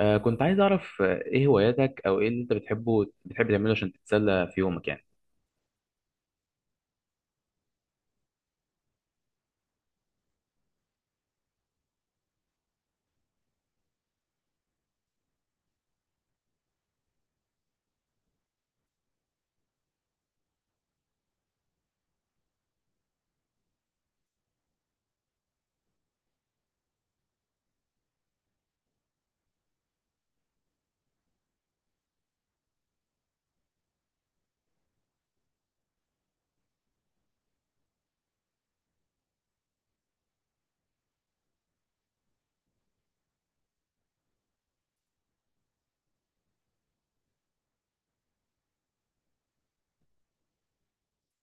كنت عايز أعرف إيه هواياتك أو إيه اللي أنت بتحبه بتحب تعمله عشان تتسلى في يومك يعني.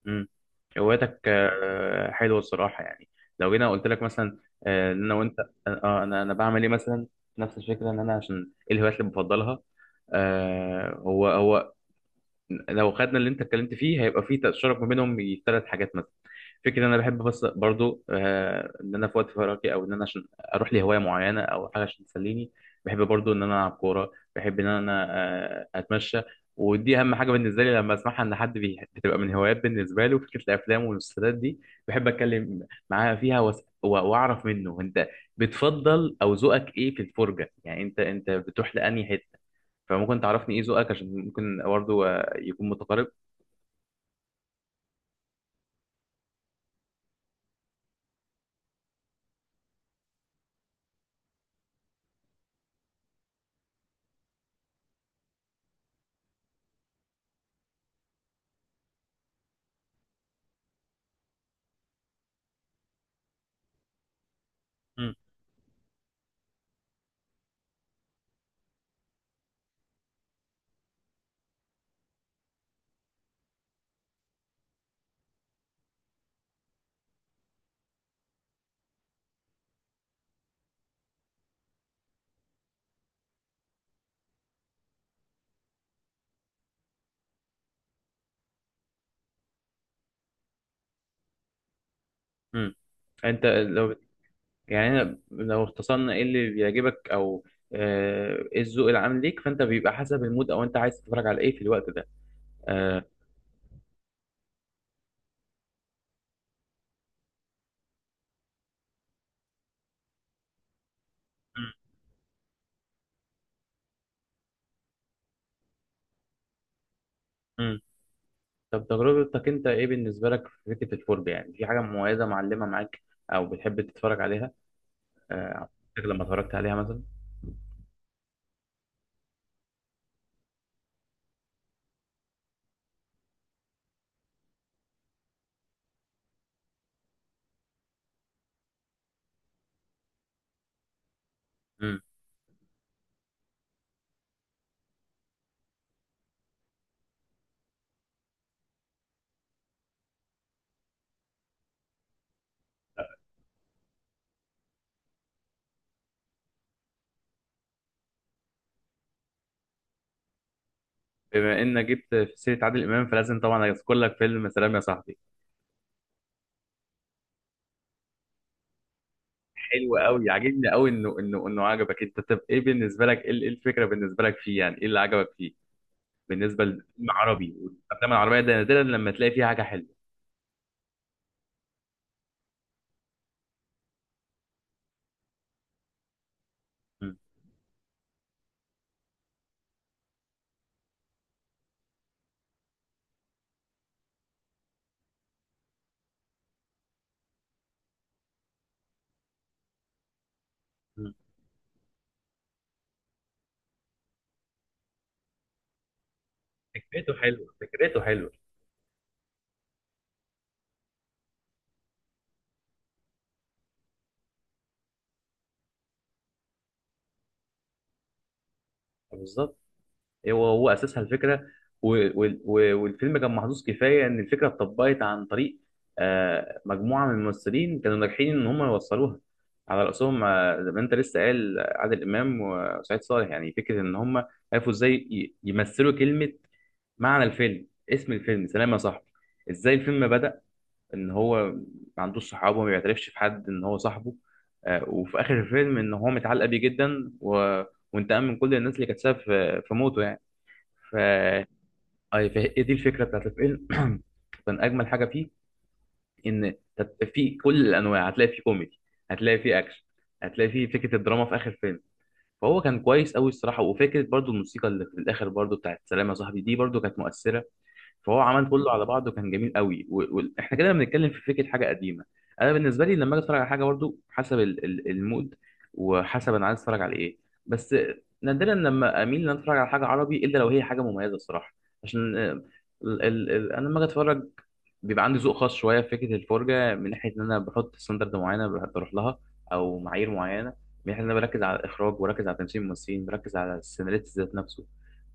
مم. هواياتك حلوة الصراحة، يعني لو جينا قلت لك مثلا إن أنا وأنت، أنا بعمل إيه مثلا، نفس الفكرة إن أنا عشان إيه الهوايات اللي بفضلها. آه هو هو لو خدنا اللي انت اتكلمت فيه هيبقى فيه تشارك ما بينهم ثلاث حاجات مثلا. فكرة ان انا بحب بس برضو ان انا في وقت فراغي او ان انا عشان اروح لهواية معينة او حاجة عشان تسليني. بحب برضو ان انا العب كورة، بحب ان انا اتمشى، ودي اهم حاجة بالنسبة لي لما اسمعها ان حد بتبقى من هوايات بالنسبة له فكرة الافلام والمسلسلات دي. بحب اتكلم معاه فيها وأس- و- واعرف منه انت بتفضل او ذوقك ايه في الفرجة، يعني انت بتروح لانهي حتة. فممكن تعرفني ايه ذوقك عشان ممكن برضه يكون متقارب. مم. مم. انت لو يعني أنا لو اختصرنا ايه اللي بيعجبك او ايه الذوق العام ليك، فانت بيبقى حسب المود او انت عايز تتفرج على ايه في الوقت ده آه، مم. مم. طب تجربتك انت ايه بالنسبه لك في فكره الفرجه؟ يعني في حاجه مميزه معلمه معاك او بتحب تتفرج عليها آه، لما اتفرجت عليها مثلا؟ مم. بما انك جبت في سيره عادل امام فلازم طبعا اذكر لك فيلم سلام يا صاحبي. حلو قوي، عاجبني قوي انه عجبك انت. طب ايه بالنسبه لك، إيه الفكره بالنسبه لك فيه؟ يعني ايه اللي عجبك فيه؟ بالنسبه للفيلم العربي والافلام العربيه ده نادرا لما تلاقي فيها حاجه حلوه. م. م. فكرته حلوه، فكرته حلوه. بالظبط. هو اساسها الفكره، و- وال- و- والفيلم كان محظوظ كفايه ان الفكره اتطبقت عن طريق مجموعه من الممثلين كانوا ناجحين ان هم يوصلوها. على راسهم زي ما انت لسه قال عادل امام وسعيد صالح. يعني فكره ان هم عرفوا ازاي يمثلوا كلمه، معنى الفيلم، اسم الفيلم سلام يا صاحبي. ازاي الفيلم بدأ؟ ان هو ما عندوش صحابه، ما بيعترفش في حد ان هو صاحبه، وفي اخر الفيلم ان هو متعلق بيه جدا، و... وانتقام من كل الناس اللي كانت سبب في موته يعني. ف هي دي الفكره بتاعت الفيلم. كان اجمل حاجه فيه ان في كل الانواع هتلاقي فيه كوميدي، هتلاقي فيه اكشن، هتلاقي فيه فكره الدراما في اخر فيلم. فهو كان كويس قوي الصراحه، وفكره برضو الموسيقى اللي في الاخر برضو بتاعت سلام يا صاحبي دي برضو كانت مؤثره. فهو عمل كله على بعضه، كان جميل قوي. واحنا كده بنتكلم في فكره حاجه قديمه. انا بالنسبه لي لما اجي اتفرج على حاجه برضو حسب المود وحسب انا عايز اتفرج على ايه. بس نادرا لما اميل ان أنا اتفرج على حاجه عربي الا لو هي حاجه مميزه الصراحه. عشان آه، ال ال ال انا لما اجي اتفرج بيبقى عندي ذوق خاص شويه في فكره الفرجه، من ناحيه ان انا بحط ستاندرد معينه بروح لها او معايير معينه، من ناحيه ان انا بركز على الاخراج، وبركز على تمثيل الممثلين، بركز على السيناريست ذات نفسه،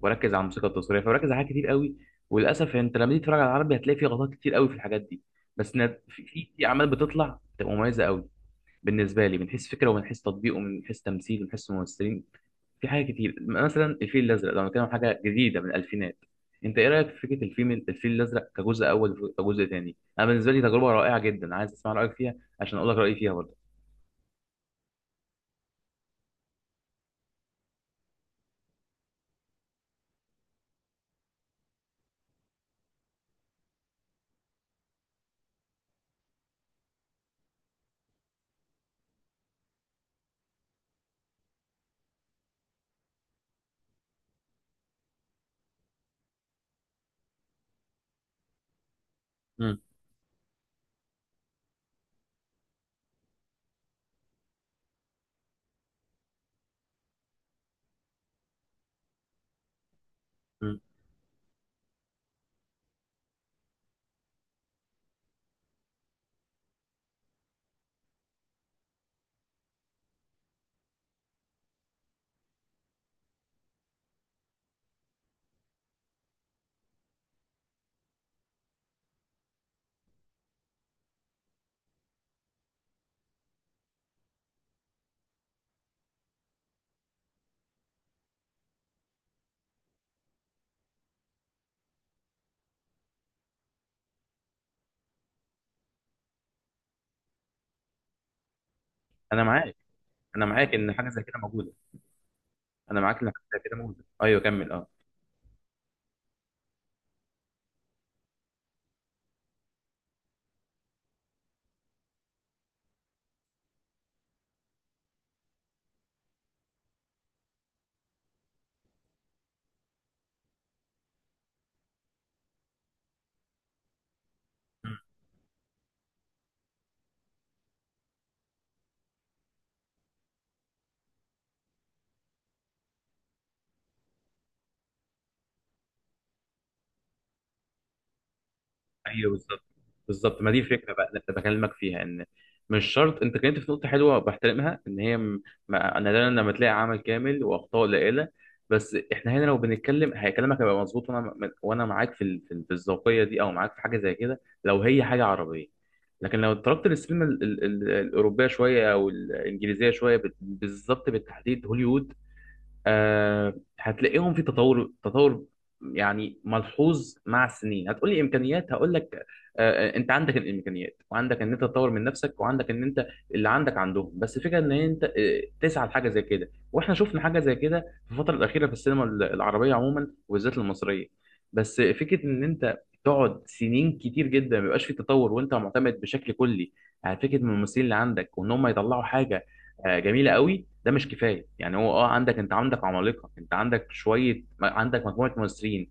بركز على الموسيقى التصويريه. فبركز على حاجات كتير قوي. وللاسف يعني انت لما تيجي تتفرج على العربي هتلاقي فيه غلطات كتير قوي في الحاجات دي. بس في في اعمال بتطلع بتبقى مميزه قوي بالنسبه لي، من حيث فكره ومن حيث تطبيق ومن حيث تمثيل ومن حيث ممثلين. في حاجات كتير، مثلا الفيل الازرق لو بنتكلم عن حاجه جديده من الالفينات. انت ايه رايك في فكره الفيلم الفيل الازرق كجزء اول وكجزء تاني؟ انا بالنسبه لي تجربه رائعه جدا، عايز اسمع رايك فيها عشان اقول لك رايي فيها برضه. مم. مم. انا معاك، انا معاك ان حاجه زي كده موجوده. انا معاك ان حاجه زي كده موجوده، ايوه كمل اه. ايوه بالظبط. بالظبط، ما دي الفكره بقى اللي بكلمك فيها، ان مش شرط. انت كلمت في نقطه حلوه بحترمها ان هي م... ما... انا لما تلاقي عمل كامل واخطاء قليله. بس احنا هنا لو بنتكلم هي كلامك هيبقى مظبوط، وانا م- وانا معاك في الذوقيه دي او معاك في حاجه زي كده لو هي حاجه عربيه. لكن لو اتطرقت للسينما الاوروبيه شويه او الانجليزيه شويه بالظبط، بالتحديد هوليوود، آه هتلاقيهم في تطور، تطور يعني ملحوظ مع السنين. هتقولي امكانيات، هقول لك انت عندك الامكانيات، وعندك ان انت تطور من نفسك، وعندك ان انت اللي عندك عندهم. بس الفكره ان انت تسعى لحاجه زي كده، واحنا شفنا حاجه زي كده في الفتره الاخيره في السينما العربيه عموما وبالذات المصريه. بس فكره ان انت تقعد سنين كتير جدا ما بيبقاش في تطور، وانت معتمد بشكل كلي على فكره من الممثلين اللي عندك، وان هم يطلعوا حاجه جميله قوي، ده مش كفايه. يعني هو عندك، انت عندك عمالقه، انت عندك شويه، عندك مجموعه ممثلين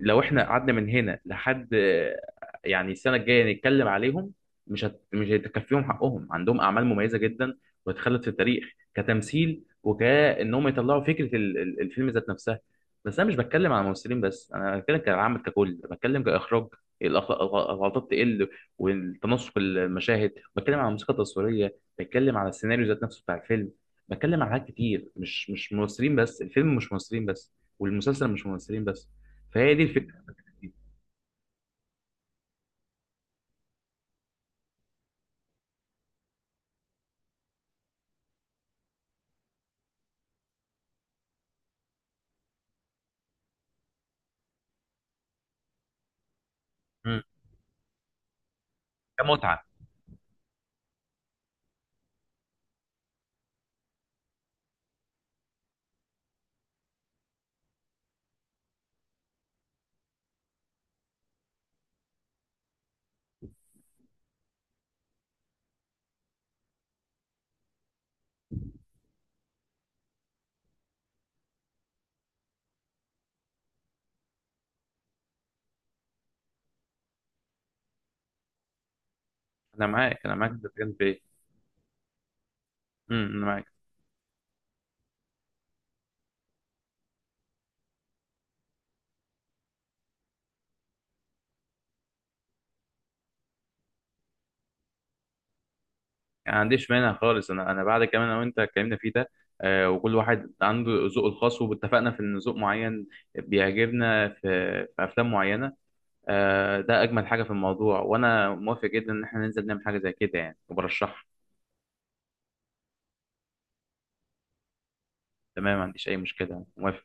لو احنا قعدنا من هنا لحد يعني السنه الجايه نتكلم عليهم مش هيتكفيهم حقهم. عندهم اعمال مميزه جدا وتخلد في التاريخ كتمثيل، وكانهم يطلعوا فكره الفيلم ذات نفسها. بس انا مش بتكلم على الممثلين بس، انا بتكلم كعامة ككل، بتكلم كاخراج. الأخ- الغلطات تقل والتناسق المشاهد، بتكلم على الموسيقى التصويريه، بتكلم على السيناريو ذات نفسه بتاع الفيلم، بتكلم على حاجات كتير، مش ممثلين بس الفيلم، مش ممثلين بس، والمسلسل مش ممثلين بس. فهي دي الفكره. مم. كمتعه. انا معاك، انا معاك في الكلام في ايه. مم، انا معاك. يعني ما عنديش مانع خالص، انا بعد كمان انا وانت اتكلمنا فيه ده، وكل واحد عنده ذوقه الخاص، واتفقنا في ان ذوق معين بيعجبنا في افلام معينه. ده اجمل حاجه في الموضوع، وانا موافق جدا ان احنا ننزل نعمل حاجه زي كده يعني، وبرشحها. تمام، ما عنديش اي مشكله، موافق.